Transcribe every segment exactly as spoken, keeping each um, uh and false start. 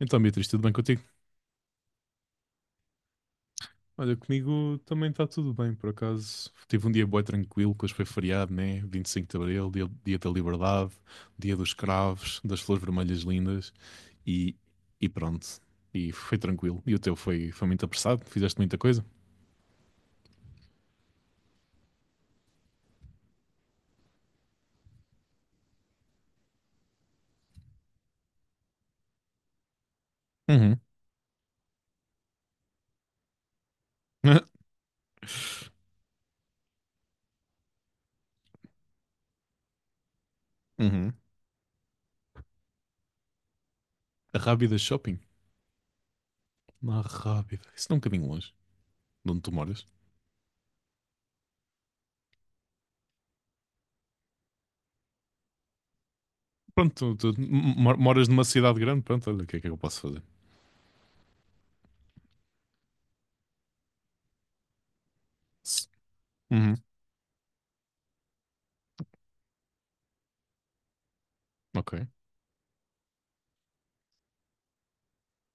Então, Beatriz, tudo bem contigo? Olha, comigo também está tudo bem, por acaso. Tive um dia bué tranquilo, que hoje foi feriado, né? Vinte e cinco de Abril, dia, dia da liberdade, dia dos cravos, das flores vermelhas lindas e, e pronto. E foi tranquilo. E o teu foi, foi muito apressado? Fizeste muita coisa? Uhum. Uhum. A Rábida Shopping? Na Rábida. Isso não é um bocadinho longe de onde tu moras. Pronto, tu, tu mo- moras numa cidade grande, pronto, olha, o que é que eu posso fazer? Uhum. Ok.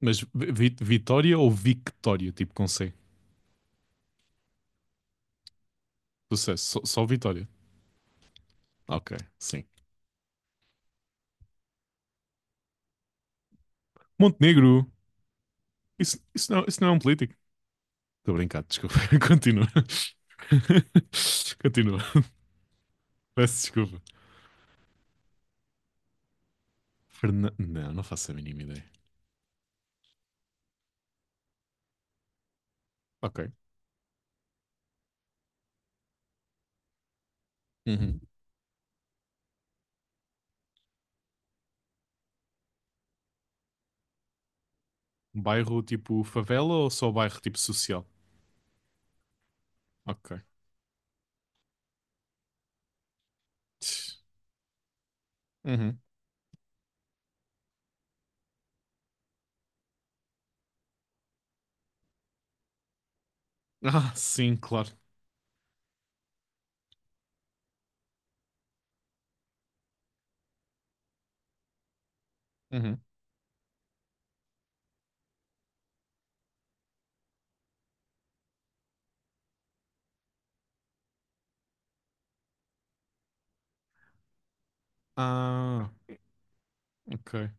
Mas vi- Vitória ou Victória, tipo com C? Sucesso, só, só Vitória. Ok, sim. Montenegro, isso, isso, não, isso não é um político. Estou a brincar, desculpa. Continua. Continua. Peço desculpa. Fernan- Não, não faço a mínima ideia. Ok. Uhum. Bairro tipo favela ou só bairro tipo social? Ok. Uhum. Ah, sim, claro. Uhum. Ah, ok.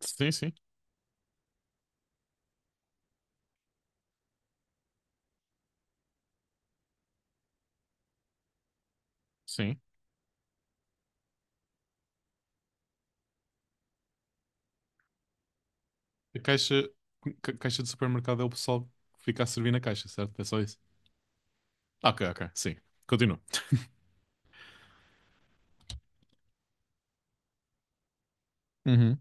Sim, sim. Sim. A caixa, ca- caixa de supermercado é o pessoal que fica a servir na caixa, certo? É só isso. Ah, ok, ok, sim. Continua. Uhum.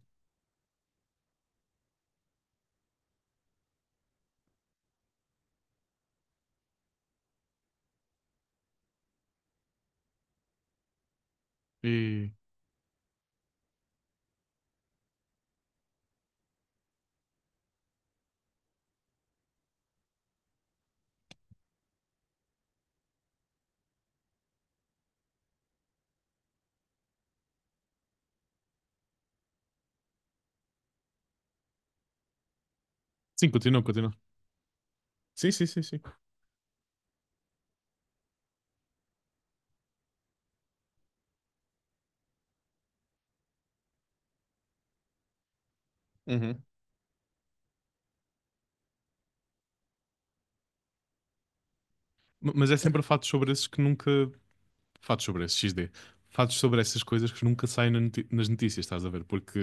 E... Sim, continua, continua. Sim, sim, sim, sim. Uhum. M- Mas é sempre fatos sobre esses que nunca. Fatos sobre esses, xis dê. Fatos sobre essas coisas que nunca saem na noti- nas notícias, estás a ver? Porque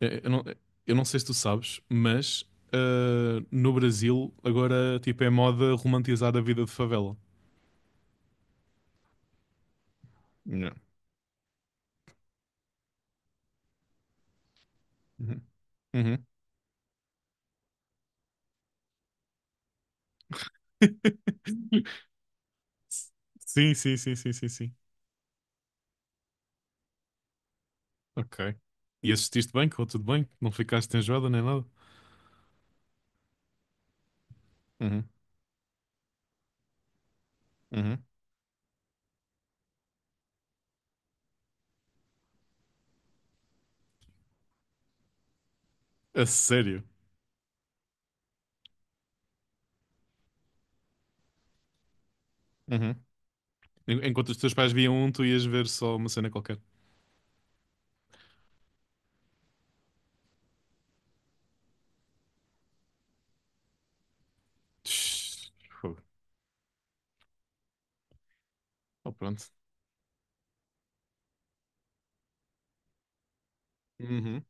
eh, eu não, eu não sei se tu sabes, mas ah, no Brasil agora tipo, é moda romantizar a vida de favela. Não. Uhum. Uhum. Sim, sim, sim, sim, sim, sim. Ok. E assististe bem? Correu tudo bem? Não ficaste enjoada nem nada? Uhum, uhum. A sério? Uhum. En- Enquanto os teus pais viam um, tu ias ver só uma cena qualquer. Tch, fogo. Oh, pronto. Uhum.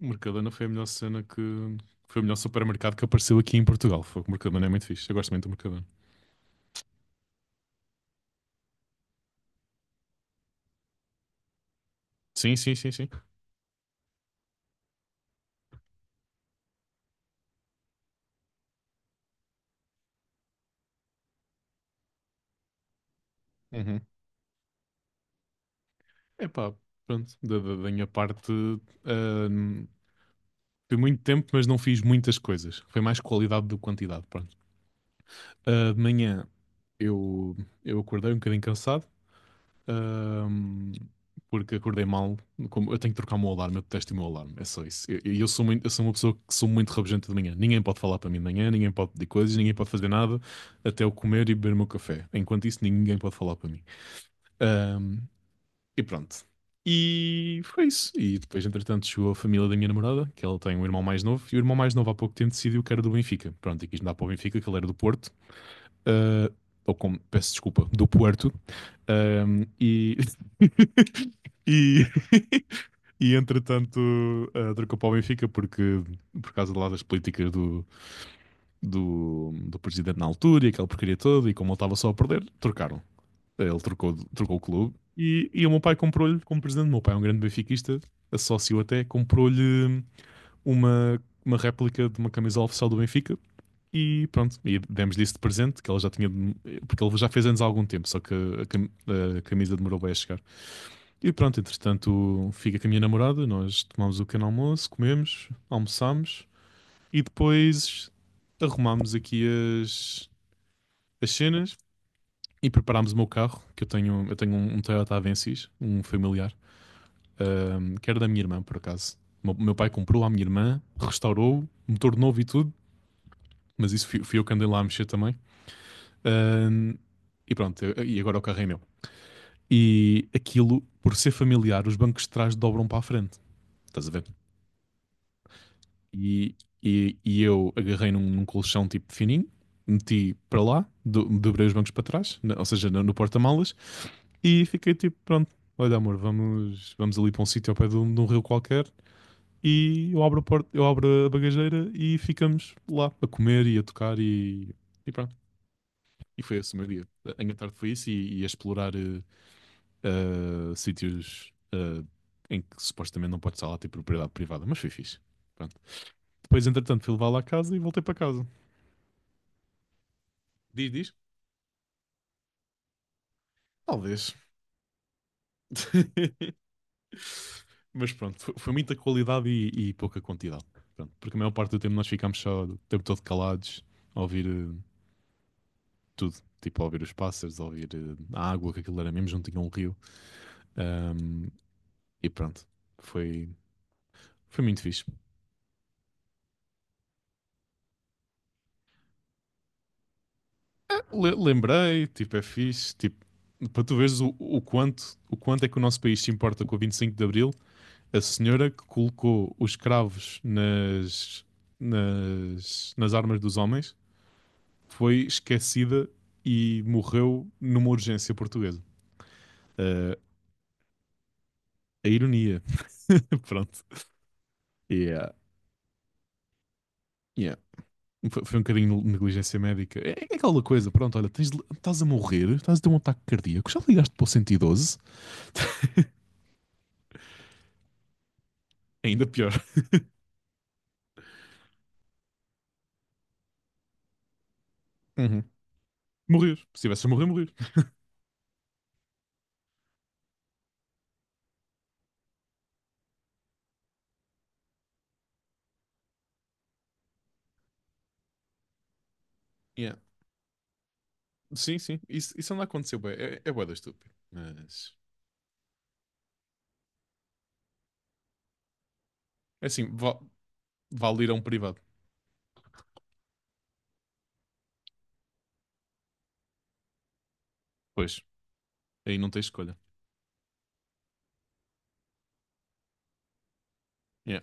Mercadona foi a melhor cena que... Foi o melhor supermercado que apareceu aqui em Portugal. Fogo, Mercadona é muito fixe. Eu gosto muito do Mercadona. Sim, sim, sim, sim. Uhum. Epá, pronto, da, da- da minha parte, ahm, fui muito tempo, mas não fiz muitas coisas. Foi mais qualidade do que quantidade, pronto. Ah, de manhã eu, eu acordei um bocadinho cansado, ahm, porque acordei mal. Como, eu tenho que trocar o meu alarme, eu detesto o meu alarme, é só isso. E eu, eu sou muito, eu sou uma pessoa que sou muito rabugenta de manhã. Ninguém pode falar para mim de manhã, ninguém pode pedir coisas, ninguém pode fazer nada, até eu comer e beber o meu café. Enquanto isso, ninguém pode falar para mim. Ahm, E pronto. E foi isso. E depois, entretanto, chegou a família da minha namorada, que ela tem um irmão mais novo, e o irmão mais novo há pouco tempo decidiu que era do Benfica. Pronto, e quis mudar para o Benfica, que ele era do Porto. Ah, ou como, peço desculpa, do Puerto. Ahm, e... e... e, entretanto, ah, trocou para o Benfica porque, por causa de lá das políticas do, do, do presidente na altura e aquela porcaria toda, e como ele estava só a perder, trocaram. Ele trocou, trocou o clube e, e o meu pai comprou-lhe, como presidente. O meu pai é um grande benfiquista, sócio até, comprou-lhe uma, uma réplica de uma camisola oficial do Benfica e pronto, e demos-lhe isso de presente, que ela já tinha, porque ele já fez anos há algum tempo, só que a, a camisa demorou bem a chegar. E pronto, entretanto, fica com a minha namorada, nós tomamos o pequeno almoço, comemos, almoçámos e depois arrumámos aqui as, as cenas e preparámos o meu carro, que eu tenho, eu tenho um, um Toyota Avensis, um familiar, ahm, que era da minha irmã, por acaso. O meu, meu pai comprou à minha irmã, restaurou, motor novo e tudo, mas isso fui, fui eu que andei lá a mexer também. Ahm, e pronto, eu- e agora o carro é meu. E aquilo, por ser familiar, os bancos de trás dobram para a frente, estás a ver? E, e, e eu agarrei num, num colchão tipo fininho, meti para lá, do, dobrei os bancos para trás, ou seja, no, no porta-malas. E fiquei tipo, pronto, olha amor, vamos, vamos ali para um sítio ao pé de um, de um rio qualquer e eu abro a porta, eu abro a bagageira e ficamos lá a comer e a tocar e, e pronto. E foi esse o meu dia. A minha tarde foi isso e, e a explorar eh, eh, sítios eh, em que supostamente não pode estar lá ter propriedade privada, mas foi fixe. Pronto. Depois, entretanto, fui levar lá a casa e voltei para casa. Diz, diz? Talvez. Mas pronto, foi, foi muita qualidade e, e pouca quantidade. Pronto, porque a maior parte do tempo nós ficámos só o tempo todo calados a ouvir eh, tudo. Tipo, a ouvir os pássaros, a ouvir eh, a água, que aquilo era mesmo, não tinha um rio. Ahm, e pronto, foi, foi muito fixe. Le- lembrei, tipo, é fixe. Tipo, para tu veres o, o quanto, o quanto é que o nosso país se importa com o vinte e cinco de Abril, a senhora que colocou os cravos nas, nas, nas armas dos homens foi esquecida e morreu numa urgência portuguesa. Eh, a ironia. Pronto. Yeah. Yeah. Foi um bocadinho de neligência médica. É, é aquela coisa, pronto, olha, tens estás a morrer, estás a ter um ataque cardíaco, já ligaste para o cento e doze? Ainda pior. Uhum. Morrer. Se tivesse a morrer, morrer. Yeah. Sim, sim. Isso, isso anda a acontecer, é, é bué da estúpido. Mas, é assim, va- vale ir a um privado. Pois, aí não tens escolha. É. Yeah.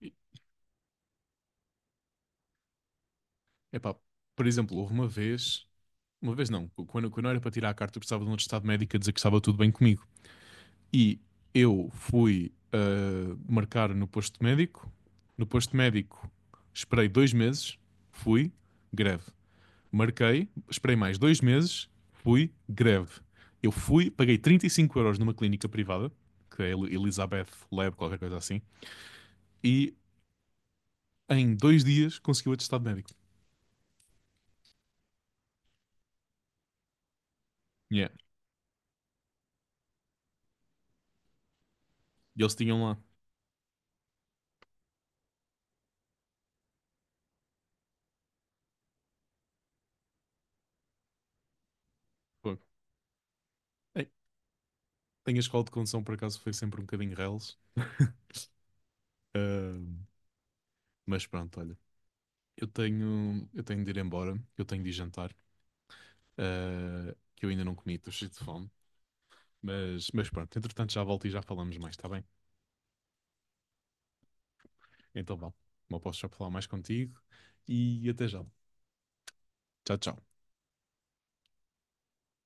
E- Epá, por exemplo, houve uma vez. Uma vez não, quando, quando era para tirar a carta, eu precisava de um atestado médico a dizer que estava tudo bem comigo. E eu fui ah, marcar no posto médico. No posto médico, esperei dois meses, fui, greve. Marquei, esperei mais dois meses, fui, greve. Eu fui, paguei trinta e cinco euros numa clínica privada, que é El- Elizabeth Lab, qualquer coisa assim, e em dois dias consegui o atestado médico. Yeah. E eles tinham lá. Pô, ei, tem a escola de condução, por acaso, foi sempre um bocadinho reles. Ah, mas pronto, olha, eu tenho, eu tenho de ir embora, eu tenho de ir jantar, ah, que eu ainda não comi, estou cheio de fome. Mas, mas pronto, entretanto já volto e já falamos mais, está bem? Então vá, não posso já falar mais contigo e até já. Tchau, tchau.